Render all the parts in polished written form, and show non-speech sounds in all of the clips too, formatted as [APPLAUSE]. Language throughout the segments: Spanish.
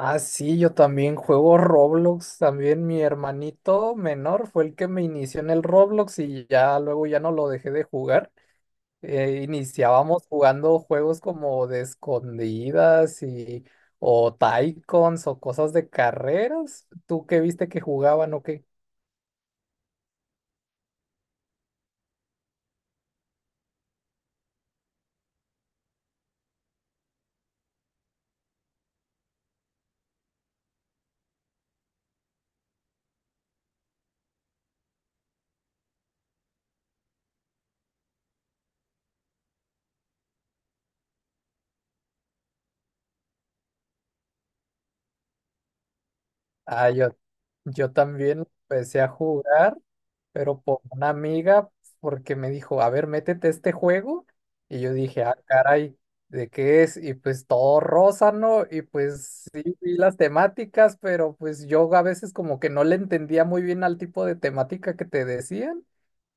Ah, sí, yo también juego Roblox, también mi hermanito menor fue el que me inició en el Roblox y ya luego ya no lo dejé de jugar. Iniciábamos jugando juegos como de escondidas y o Tycoons o cosas de carreras. ¿Tú qué viste que jugaban o qué? Ah, yo también empecé a jugar, pero por una amiga, porque me dijo, a ver, métete a este juego. Y yo dije, ah, caray, ¿de qué es? Y pues todo rosa, ¿no? Y pues sí, vi las temáticas, pero pues yo a veces como que no le entendía muy bien al tipo de temática que te decían.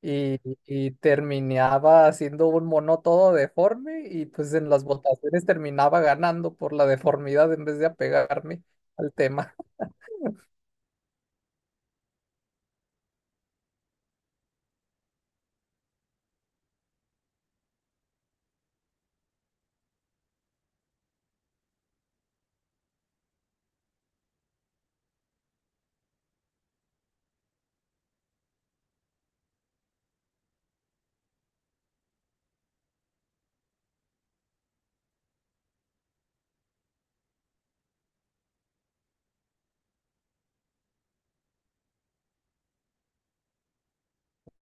Y, y terminaba haciendo un mono todo deforme y pues en las votaciones terminaba ganando por la deformidad en vez de apegarme al tema.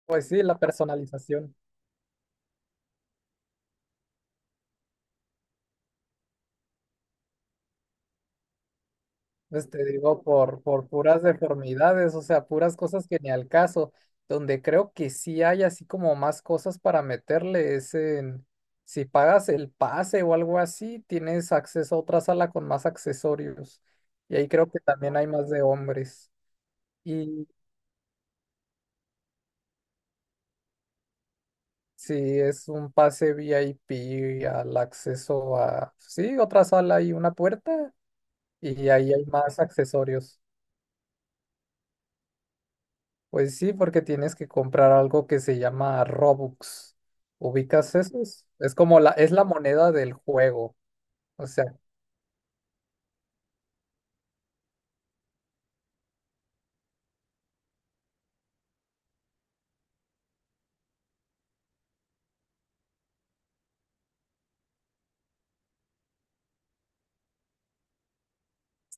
Pues sí, la personalización. Pues te digo, por puras deformidades, o sea, puras cosas que ni al caso, donde creo que sí hay así como más cosas para meterle es en, si pagas el pase o algo así, tienes acceso a otra sala con más accesorios. Y ahí creo que también hay más de hombres. Y si es un pase VIP al acceso a, sí, otra sala y una puerta, y ahí hay más accesorios. Pues sí, porque tienes que comprar algo que se llama Robux. ¿Ubicas esos? Es como la, es la moneda del juego. O sea,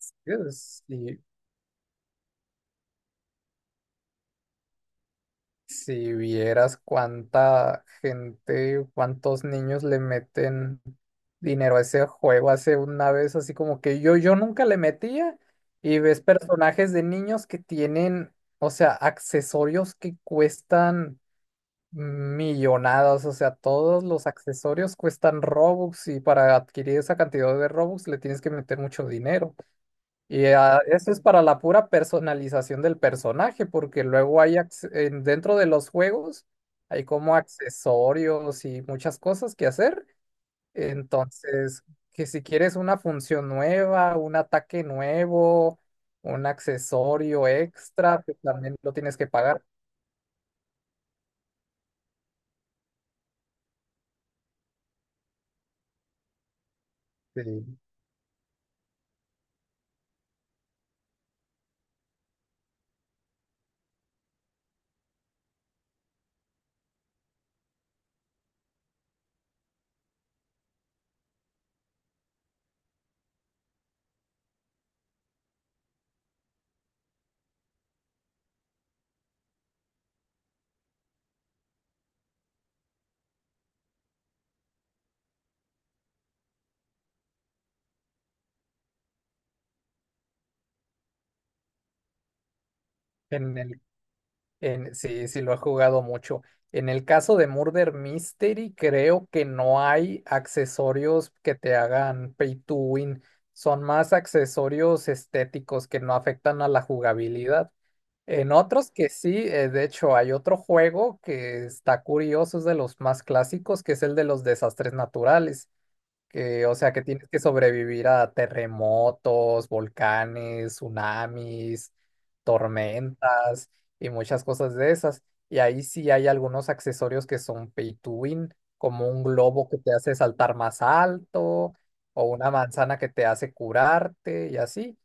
es- si, si vieras cuánta gente, cuántos niños le meten dinero a ese juego hace una vez, así como que yo nunca le metía y ves personajes de niños que tienen, o sea, accesorios que cuestan. Millonadas, o sea, todos los accesorios cuestan Robux y para adquirir esa cantidad de Robux le tienes que meter mucho dinero. Y ah, eso es para la pura personalización del personaje, porque luego hay dentro de los juegos hay como accesorios y muchas cosas que hacer. Entonces, que si quieres una función nueva, un ataque nuevo, un accesorio extra, pues también lo tienes que pagar. Sí. En el sí, sí lo he jugado mucho. En el caso de Murder Mystery, creo que no hay accesorios que te hagan pay to win. Son más accesorios estéticos que no afectan a la jugabilidad. En otros que sí, de hecho, hay otro juego que está curioso, es de los más clásicos, que es el de los desastres naturales. Que, o sea, que tienes que sobrevivir a terremotos, volcanes, tsunamis, tormentas y muchas cosas de esas. Y ahí sí hay algunos accesorios que son pay to win, como un globo que te hace saltar más alto, o una manzana que te hace curarte y así.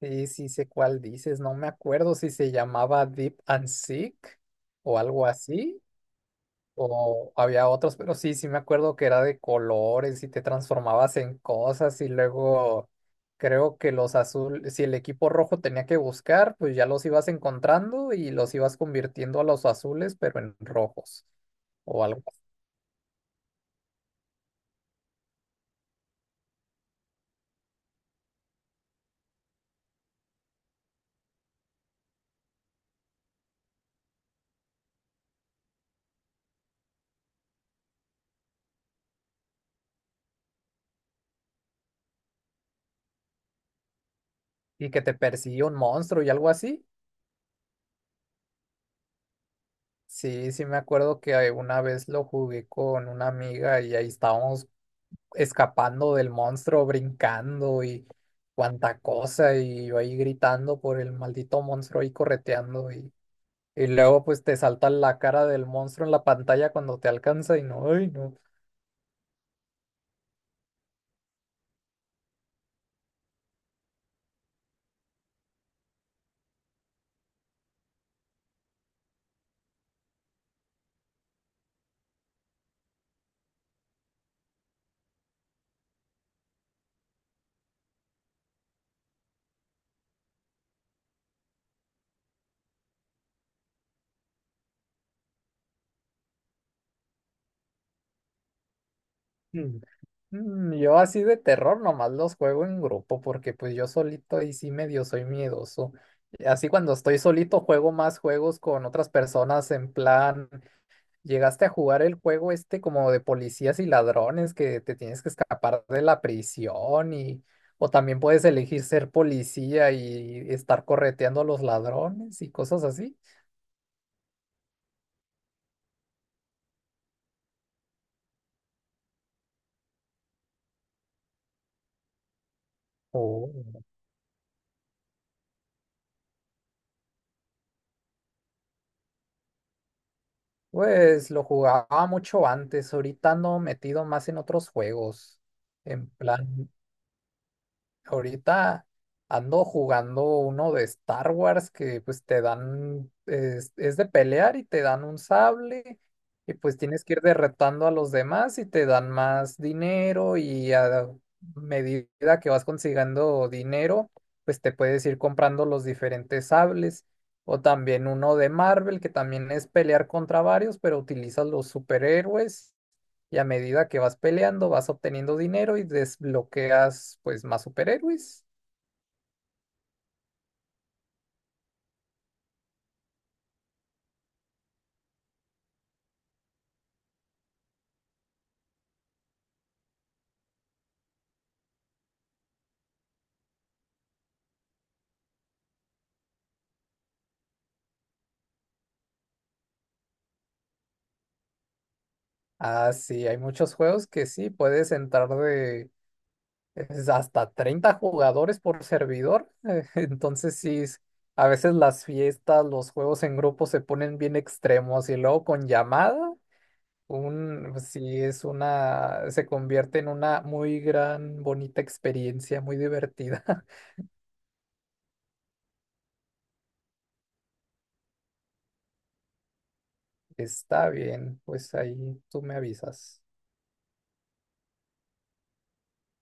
Sí, sí sé cuál dices, no me acuerdo si se llamaba Deep and Sick o algo así. O había otros, pero sí, sí me acuerdo que era de colores y te transformabas en cosas y luego creo que los azules, si el equipo rojo tenía que buscar, pues ya los ibas encontrando y los ibas convirtiendo a los azules, pero en rojos o algo así. Y que te persigue un monstruo y algo así. Sí, sí me acuerdo que una vez lo jugué con una amiga y ahí estábamos escapando del monstruo, brincando y cuánta cosa, y yo ahí gritando por el maldito monstruo ahí correteando y luego pues te salta la cara del monstruo en la pantalla cuando te alcanza y no, ay no. Mm. Mm, yo así de terror nomás los juego en grupo porque pues yo solito ahí sí medio soy miedoso. Y así cuando estoy solito juego más juegos con otras personas en plan ¿llegaste a jugar el juego este como de policías y ladrones que te tienes que escapar de la prisión y o también puedes elegir ser policía y estar correteando a los ladrones y cosas así? Oh. Pues lo jugaba mucho antes, ahorita ando metido más en otros juegos, en plan Ahorita ando jugando uno de Star Wars que pues te dan, es de pelear y te dan un sable y pues tienes que ir derretando a los demás y te dan más dinero y a medida que vas consiguiendo dinero, pues te puedes ir comprando los diferentes sables. O también uno de Marvel que también es pelear contra varios, pero utilizas los superhéroes y a medida que vas peleando, vas obteniendo dinero y desbloqueas pues más superhéroes. Ah, sí, hay muchos juegos que sí, puedes entrar de es hasta 30 jugadores por servidor. [LAUGHS] Entonces sí, a veces las fiestas, los juegos en grupo se ponen bien extremos y luego con llamada, un, sí es una, se convierte en una muy gran, bonita experiencia, muy divertida. [LAUGHS] Está bien, pues ahí tú me avisas.